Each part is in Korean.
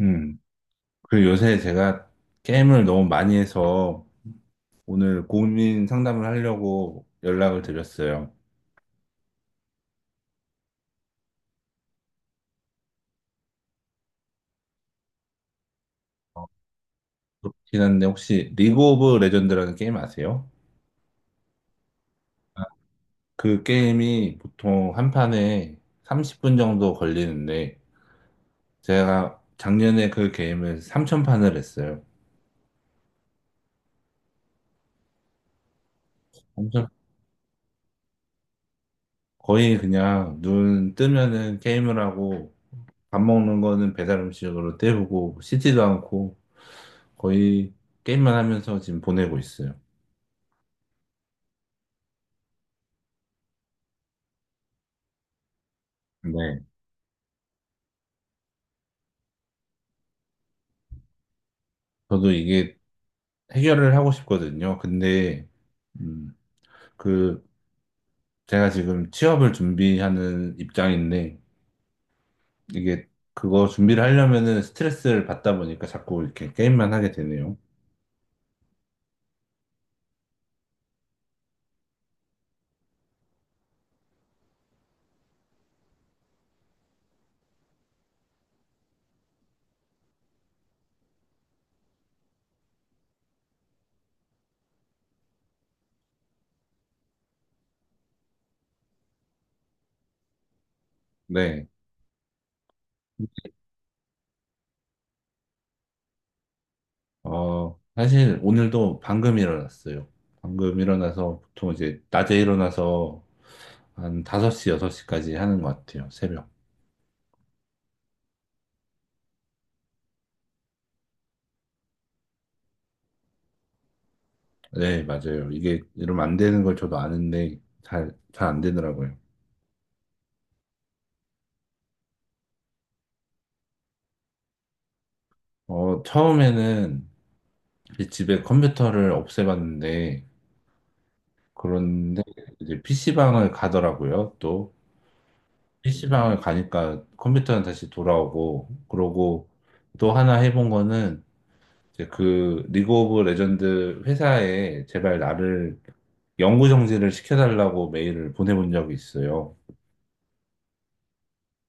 음. 그리고 요새 제가 게임을 너무 많이 해서 오늘 고민 상담을 하려고 연락을 드렸어요. 그렇긴 한데 혹시 리그 오브 레전드라는 게임 아세요? 아, 그 게임이 보통 한 판에 30분 정도 걸리는데 제가 작년에 그 게임을 3천판을 했어요. 삼천 거의 그냥 눈 뜨면은 게임을 하고 밥 먹는 거는 배달 음식으로 때우고 씻지도 않고 거의 게임만 하면서 지금 보내고 있어요. 네, 저도 이게 해결을 하고 싶거든요. 근데, 음, 그, 제가 지금 취업을 준비하는 입장인데, 이게 그거 준비를 하려면은 스트레스를 받다 보니까 자꾸 이렇게 게임만 하게 되네요. 네, 어, 사실 오늘도 방금 일어났어요. 방금 일어나서 보통 이제 낮에 일어나서 한 5시, 6시까지 하는 것 같아요. 새벽. 네, 맞아요. 이게 이러면 안 되는 걸 저도 아는데, 잘 안 되더라고요. 어, 처음에는 이제 집에 컴퓨터를 없애봤는데, 그런데 이제 PC방을 가더라고요, 또. PC방을 가니까 컴퓨터는 다시 돌아오고, 그러고 또 하나 해본 거는, 이제 그 리그 오브 레전드 회사에 제발 나를 영구 정지를 시켜달라고 메일을 보내본 적이 있어요.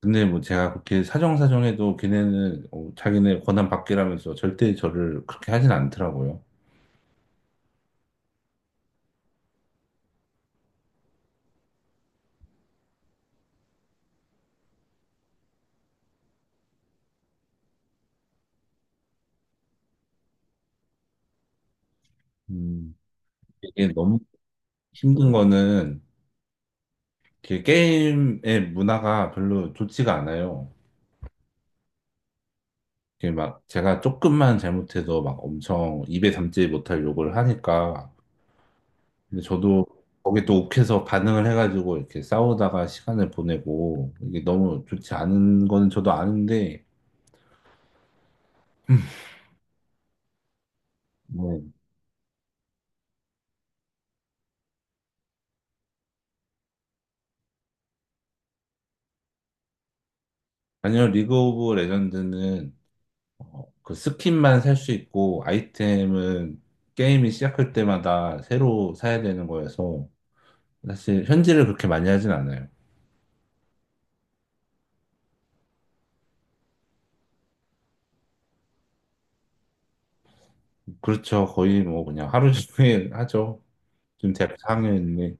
근데 뭐 제가 그렇게 사정사정해도 걔네는 자기네 권한 밖이라면서 절대 저를 그렇게 하진 않더라고요. 음, 이게 너무 힘든 거는 그 게임의 문화가 별로 좋지가 않아요. 그게 막 제가 조금만 잘못해도 막 엄청 입에 담지 못할 욕을 하니까. 근데 저도 거기에 또 욱해서 반응을 해가지고 이렇게 싸우다가 시간을 보내고 이게 너무 좋지 않은 거는 저도 아는데, 뭐, 아니요, 리그 오브 레전드는 그 스킨만 살 수 있고 아이템은 게임이 시작할 때마다 새로 사야 되는 거여서 사실 현질을 그렇게 많이 하진 않아요. 그렇죠. 거의 뭐 그냥 하루 종일 하죠. 지금 대학 4학년인데,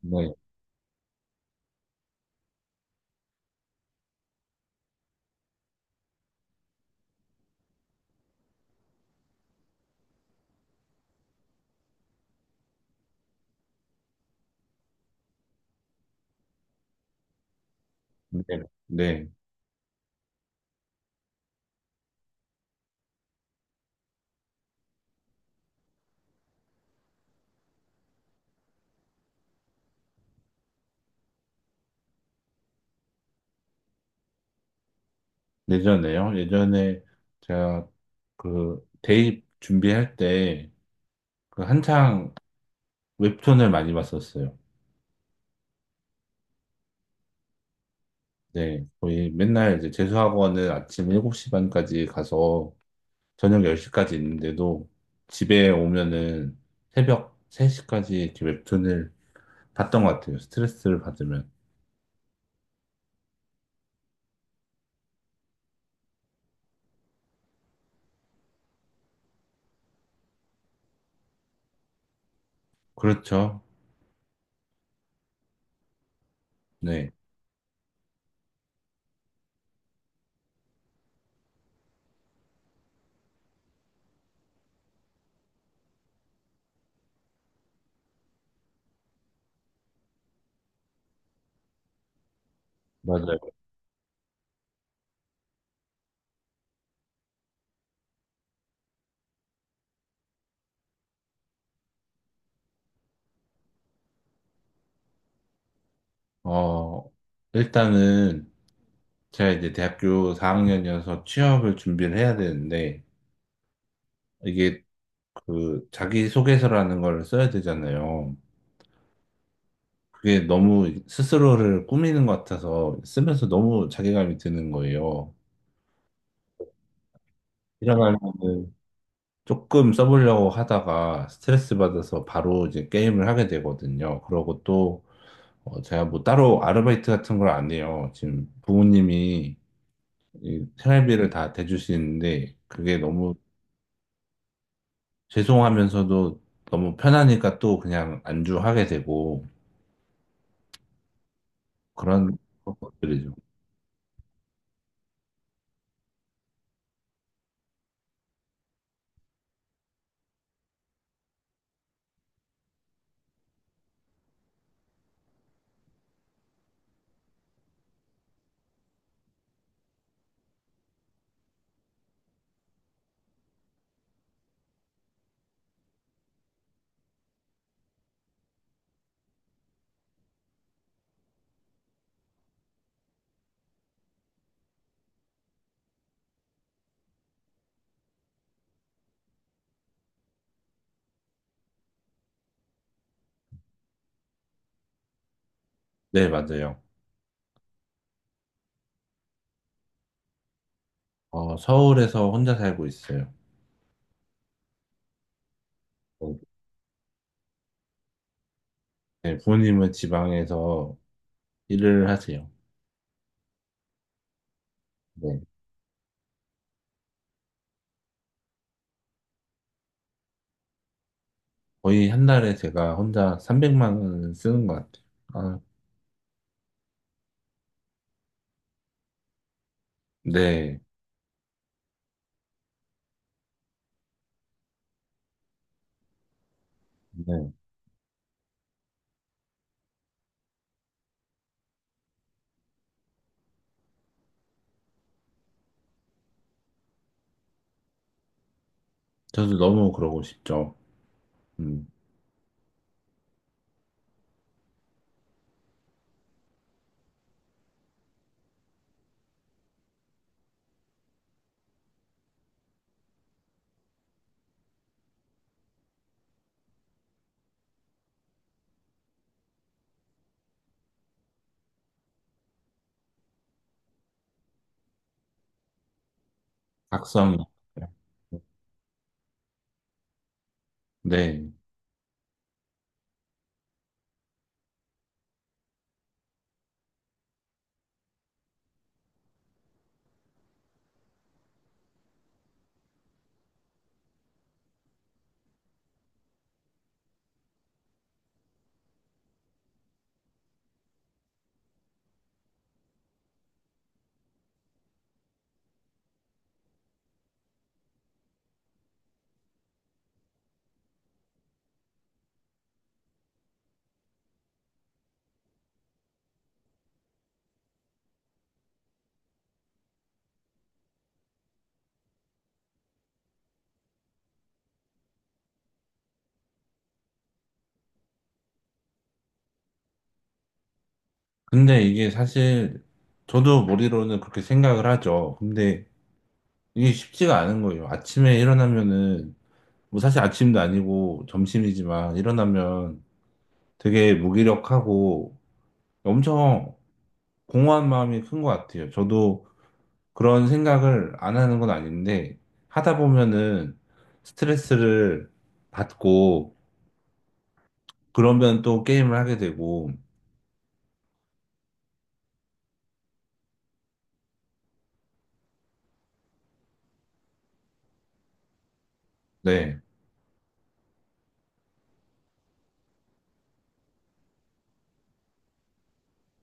네, 네, 네. 예전에요. 예전에 제가 그 대입 준비할 때 그 한창 웹툰을 많이 봤었어요. 네, 거의 맨날 이제 재수학원은 아침 7시 반까지 가서 저녁 10시까지 있는데도 집에 오면은 새벽 3시까지 이렇게 웹툰을 봤던 것 같아요. 스트레스를 받으면. 그렇죠. 네, 맞아요. 어, 일단은 제가 이제 대학교 4학년이어서 취업을 준비를 해야 되는데, 이게 그 자기소개서라는 걸 써야 되잖아요. 그게 너무 스스로를 꾸미는 것 같아서 쓰면서 너무 자괴감이 드는 거예요. 일어나면은 조금 써보려고 하다가 스트레스 받아서 바로 이제 게임을 하게 되거든요. 그러고 또 어, 제가 뭐 따로 아르바이트 같은 걸 안 해요. 지금 부모님이 이 생활비를 다 대주시는데 그게 너무 죄송하면서도 너무 편하니까 또 그냥 안주하게 되고 그런 것들이죠. 네, 맞아요. 어, 서울에서 혼자 살고 있어요. 어, 네, 부모님은 지방에서 일을 하세요. 네, 거의 한 달에 제가 혼자 300만 원을 쓰는 것 같아요. 아, 네, 네. 저도 너무 그러고 싶죠. 음, 각성이. 네. 근데 이게 사실 저도 머리로는 그렇게 생각을 하죠. 근데 이게 쉽지가 않은 거예요. 아침에 일어나면은, 뭐 사실 아침도 아니고 점심이지만 일어나면 되게 무기력하고 엄청 공허한 마음이 큰 것 같아요. 저도 그런 생각을 안 하는 건 아닌데, 하다 보면은 스트레스를 받고, 그러면 또 게임을 하게 되고, 네,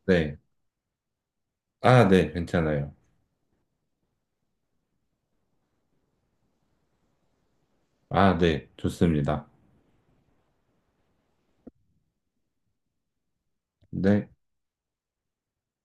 네. 아, 네, 괜찮아요. 아, 네, 좋습니다. 네.